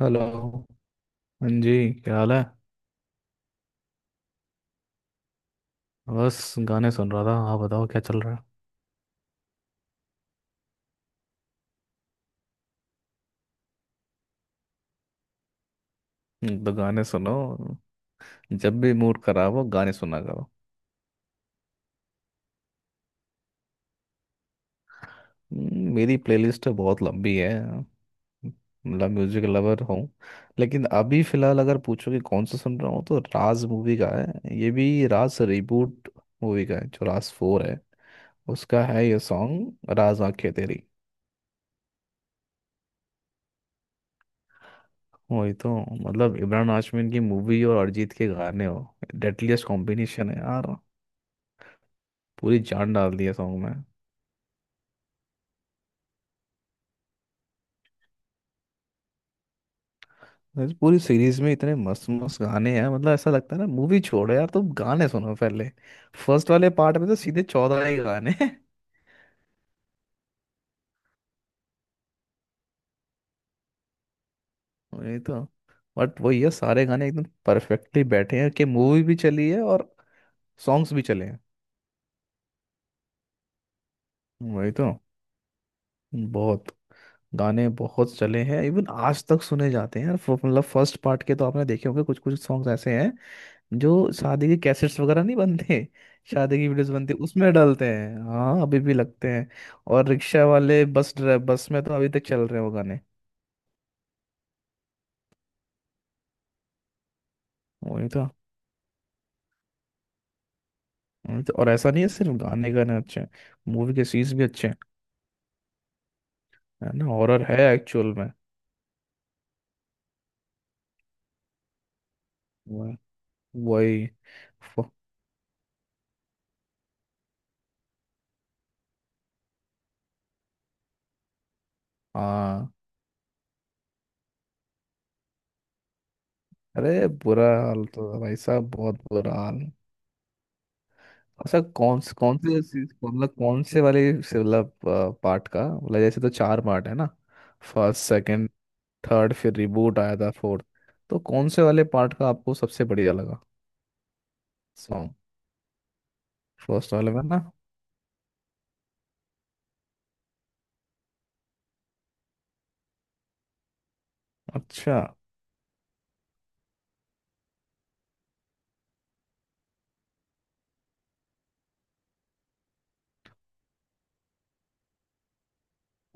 Hello. हाँ जी. क्या हाल है? बस गाने सुन रहा था. हाँ, बताओ क्या चल रहा है? तो गाने सुनो. जब भी मूड खराब हो गाने सुना करो. मेरी प्लेलिस्ट बहुत लंबी है. मतलब म्यूजिक लवर हूँ. लेकिन अभी फिलहाल अगर पूछो कि कौन सा सुन रहा हूँ, तो राज मूवी का है, ये भी राज रिबूट मूवी का है, जो राज 4 है उसका है ये सॉन्ग, राज आंखें तेरी. वही तो. मतलब इमरान हाशमी की मूवी और अरिजीत के गाने हो. डेडलीस्ट कॉम्बिनेशन है यार. पूरी जान डाल दी है सॉन्ग में. इस पूरी सीरीज में इतने मस्त मस्त गाने हैं, मतलब ऐसा लगता है ना, मूवी छोड़ो यार, तुम गाने सुनो पहले. फर्स्ट वाले पार्ट में तो सीधे 14 ही गाने हैं. वही तो. बट वही है, सारे गाने एकदम परफेक्टली बैठे हैं कि मूवी भी चली है और सॉन्ग्स भी चले हैं. वही तो. बहुत, गाने बहुत चले हैं, इवन आज तक सुने जाते हैं यार. मतलब फर्स्ट पार्ट के तो आपने देखे होंगे, कुछ कुछ सॉन्ग्स ऐसे हैं जो शादी के कैसेट्स वगैरह, नहीं बनते शादी की वीडियोस बनती उसमें डालते हैं. हाँ अभी भी लगते हैं. और रिक्शा वाले, बस ड्राइ बस में तो अभी तक चल रहे हैं वो गाने. वही तो. वही तो. और ऐसा नहीं है सिर्फ गाने, गाने अच्छे हैं, मूवी के सीन्स भी अच्छे हैं. है ना, हॉरर है एक्चुअल में. वह- वही. फ- हाँ. अरे बुरा हाल तो है भाई साहब, बहुत बुरा हाल है. अच्छा, कौन से मतलब, कौन से वाले से, मतलब पार्ट का, मतलब जैसे, तो चार पार्ट है ना. फर्स्ट, सेकंड, थर्ड, फिर रिबूट आया था, फोर्थ. तो कौन से वाले पार्ट का आपको सबसे बढ़िया लगा सॉन्ग? फर्स्ट वाले में ना. अच्छा.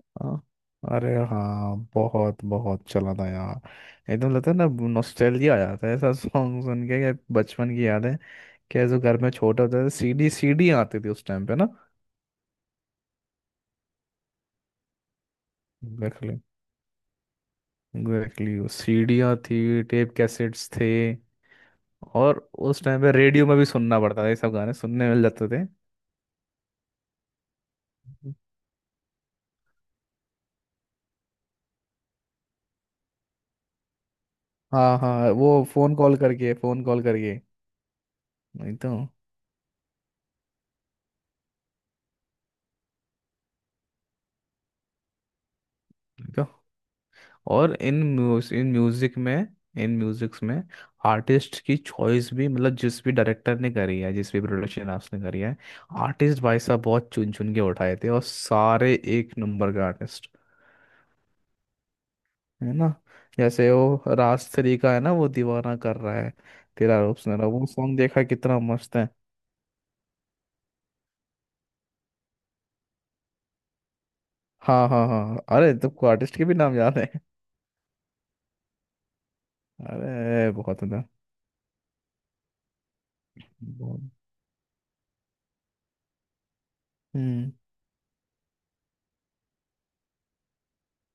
हाँ. अरे हाँ, बहुत बहुत चला था यार. एकदम लगता है ना, नॉस्टैल्जिया आ जाता है ऐसा सॉन्ग सुन के, कि बचपन की यादें. क्या, जो घर में छोटे होते थे, सीडी सीडी आती थी उस टाइम पे ना. एग्जैक्टली. एग्जैक्टली, सीडियाँ थी, टेप कैसेट्स थे. और उस टाइम पे रेडियो में भी सुनना पड़ता था, ये सब गाने सुनने मिल जाते थे. हाँ हाँ, वो फोन कॉल करके, फोन कॉल करके. नहीं तो. नहीं तो. और इन म्यूजिक्स में आर्टिस्ट की चॉइस भी, मतलब जिस भी डायरेक्टर ने करी है, जिस भी प्रोडक्शन हाउस ने करी है, आर्टिस्ट भाई साहब बहुत चुन चुन के उठाए थे, और सारे एक नंबर के आर्टिस्ट. है ना. जैसे वो राज 3 का है ना, वो दीवाना कर रहा है, तेरा रूप सुनहरा, वो सॉन्ग देखा कितना मस्त है. हाँ हाँ हाँ हाँ, अरे तुमको आर्टिस्ट के भी नाम याद है. अरे बहुत मजा. बहुत- हम्म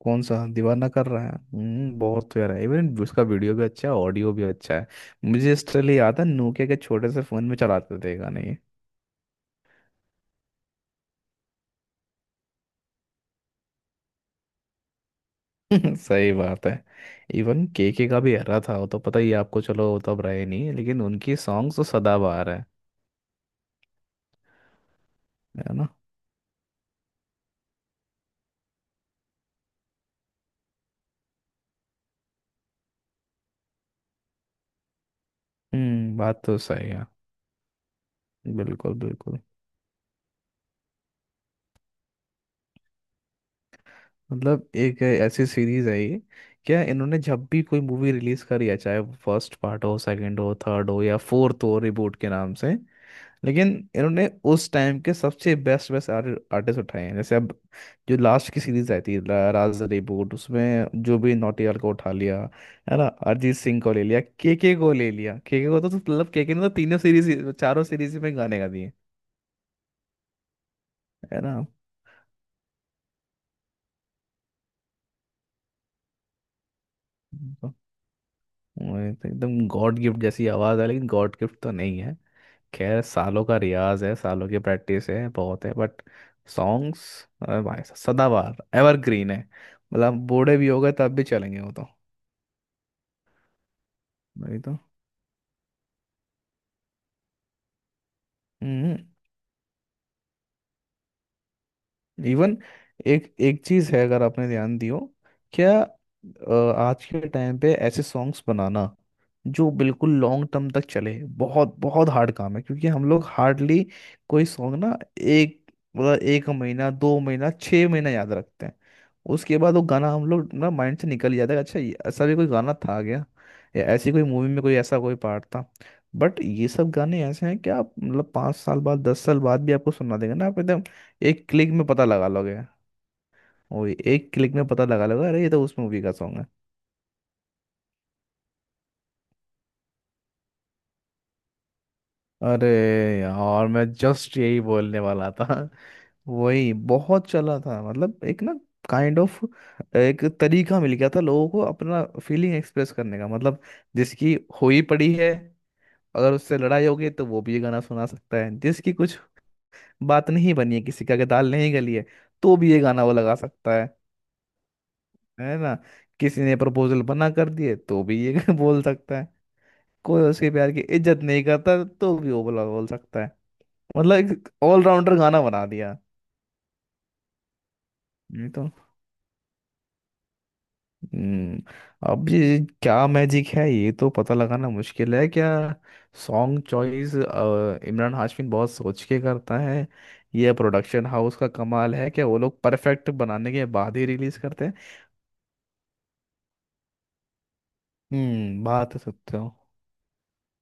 कौन सा दीवाना कर रहा है. बहुत प्यारा है, इवन उसका वीडियो भी अच्छा है, ऑडियो भी अच्छा है. मुझे इसलिए याद है, नोकिया के छोटे से फोन में चलाते थे गाने ये. सही बात है. इवन केके का भी एरा था, वो तो पता ही है आपको. चलो वो तब रहे नहीं, लेकिन उनकी सॉन्ग्स तो सदाबहार है. है ना. बात तो सही है. बिल्कुल, बिल्कुल. मतलब एक ऐसी सीरीज है ये, क्या, इन्होंने जब भी कोई मूवी रिलीज करी है, चाहे फर्स्ट पार्ट हो, सेकंड हो, थर्ड हो, या फोर्थ हो रिबूट के नाम से. लेकिन इन्होंने उस टाइम के सबसे बेस्ट बेस्ट आर्टिस्ट उठाए हैं, जैसे अब जो लास्ट की सीरीज आई थी, राज रिबूट, उसमें जो भी नौटियाल को उठा लिया. है ना, अरिजीत सिंह को ले लिया, केके को ले लिया. केके को तो मतलब, केके ने तो तीनों सीरीज, चारों सीरीज में गाने गा दिए. है ना. तो वो तो एकदम गॉड गिफ्ट जैसी आवाज है, लेकिन गॉड गिफ्ट तो नहीं है. खैर, सालों का रियाज है, सालों की प्रैक्टिस है बहुत है. बट सॉन्ग्स, अरे भाई साहब, सदाबहार एवरग्रीन है. मतलब बूढ़े भी हो गए तब भी चलेंगे वो तो. वही तो. हम्म इवन एक एक चीज है, अगर आपने ध्यान दियो, क्या, आज के टाइम पे ऐसे सॉन्ग्स बनाना जो बिल्कुल लॉन्ग टर्म तक चले, बहुत बहुत हार्ड काम है, क्योंकि हम लोग हार्डली कोई सॉन्ग ना, एक, मतलब एक महीना, 2 महीना, 6 महीना याद रखते हैं. उसके बाद वो गाना हम लोग ना, माइंड से निकल ही जाता है. अच्छा, ये ऐसा भी कोई गाना था क्या, या ऐसी कोई मूवी में कोई ऐसा कोई पार्ट था? बट ये सब गाने ऐसे हैं कि आप, मतलब 5 साल बाद, 10 साल बाद भी आपको सुना देगा ना, आप एकदम एक क्लिक में पता लगा लोगे. वही, एक क्लिक में पता लगा लोगे, अरे ये तो उस मूवी का सॉन्ग है. अरे यार, मैं जस्ट यही बोलने वाला था. वही बहुत चला था, मतलब एक ना, काइंड ऑफ एक तरीका मिल गया था लोगों को अपना फीलिंग एक्सप्रेस करने का. मतलब जिसकी हुई पड़ी है, अगर उससे लड़ाई हो गई तो वो भी ये गाना सुना सकता है. जिसकी कुछ बात नहीं बनी है, किसी का के दाल नहीं गली है, तो भी ये गाना वो लगा सकता है ना. किसी ने प्रपोजल बना कर दिए तो भी ये बोल सकता है. कोई उसके प्यार की इज्जत नहीं करता, तो भी वो बोल सकता है. मतलब एक ऑलराउंडर गाना बना दिया. ये तो. हम्म अब ये क्या मैजिक है, ये तो पता लगाना मुश्किल है, क्या सॉन्ग चॉइस इमरान हाशमी बहुत सोच के करता है, यह प्रोडक्शन हाउस का कमाल है, क्या वो लोग परफेक्ट बनाने के बाद ही रिलीज करते हैं. बात तो सकते हो.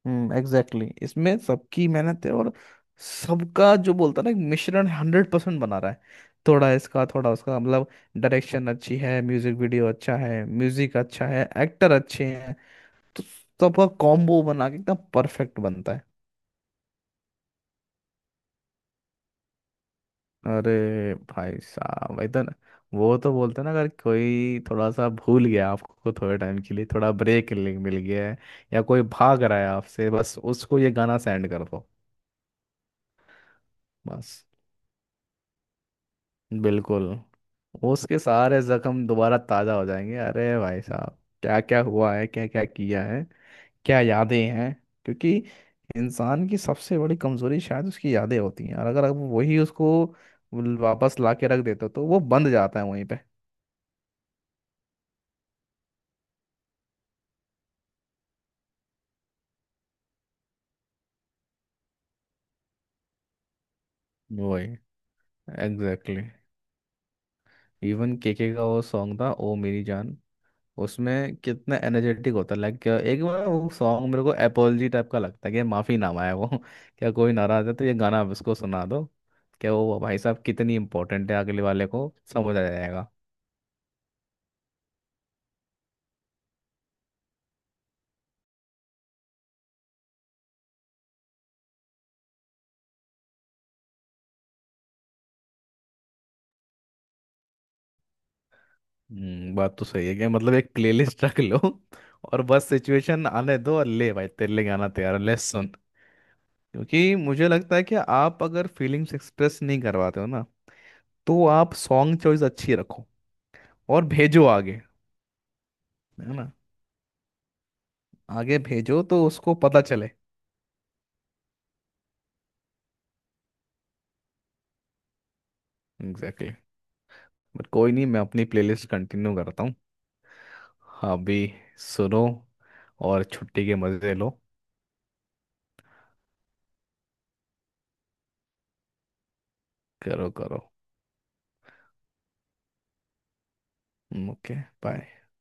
Exactly exactly. इसमें सबकी मेहनत है, और सबका जो बोलता ना, एक मिश्रण 100% बना रहा है. थोड़ा इसका, थोड़ा उसका, मतलब डायरेक्शन अच्छी है, म्यूजिक वीडियो अच्छा है, म्यूजिक अच्छा है, एक्टर अच्छे हैं. तो सबका कॉम्बो बना के एकदम परफेक्ट बनता है. अरे भाई साहब, भाई तो वो तो बोलते हैं ना, अगर कोई थोड़ा सा भूल गया, आपको थोड़े टाइम के लिए थोड़ा ब्रेक मिल गया है, या कोई भाग रहा है आपसे, बस उसको ये गाना सेंड कर दो. बस. बिल्कुल. उसके सारे जख्म दोबारा ताजा हो जाएंगे, अरे भाई साहब, क्या क्या हुआ है, क्या क्या किया है, क्या यादें हैं. क्योंकि इंसान की सबसे बड़ी कमजोरी शायद उसकी यादें होती हैं, और अगर आप वही उसको वापस ला के रख देते हो, तो वो बंद जाता है वहीं पे. वही. Exactly exactly. इवन केके का वो सॉन्ग था, ओ मेरी जान, उसमें कितना एनर्जेटिक होता है. लाइक एक बार वो सॉन्ग मेरे को एपोलॉजी टाइप का लगता है, कि माफी नामा है वो. क्या, कोई नाराज है तो ये गाना आप उसको सुना दो, क्या वो, भाई साहब, कितनी इंपॉर्टेंट है, अगले वाले को समझ आ जाएगा. बात तो सही है. क्या मतलब एक प्लेलिस्ट रख लो, और बस सिचुएशन आने दो और ले भाई तेरे लिए गाना तैयार है, ले सुन. क्योंकि मुझे लगता है कि आप अगर फीलिंग्स एक्सप्रेस नहीं करवाते हो ना, तो आप सॉन्ग चॉइस अच्छी रखो और भेजो आगे. है ना. आगे भेजो तो उसको पता चले. Exactly exactly. बट कोई नहीं, मैं अपनी प्लेलिस्ट कंटिन्यू करता हूँ. आप भी सुनो और छुट्टी के मज़े लो. करो करो. ओके. बाय.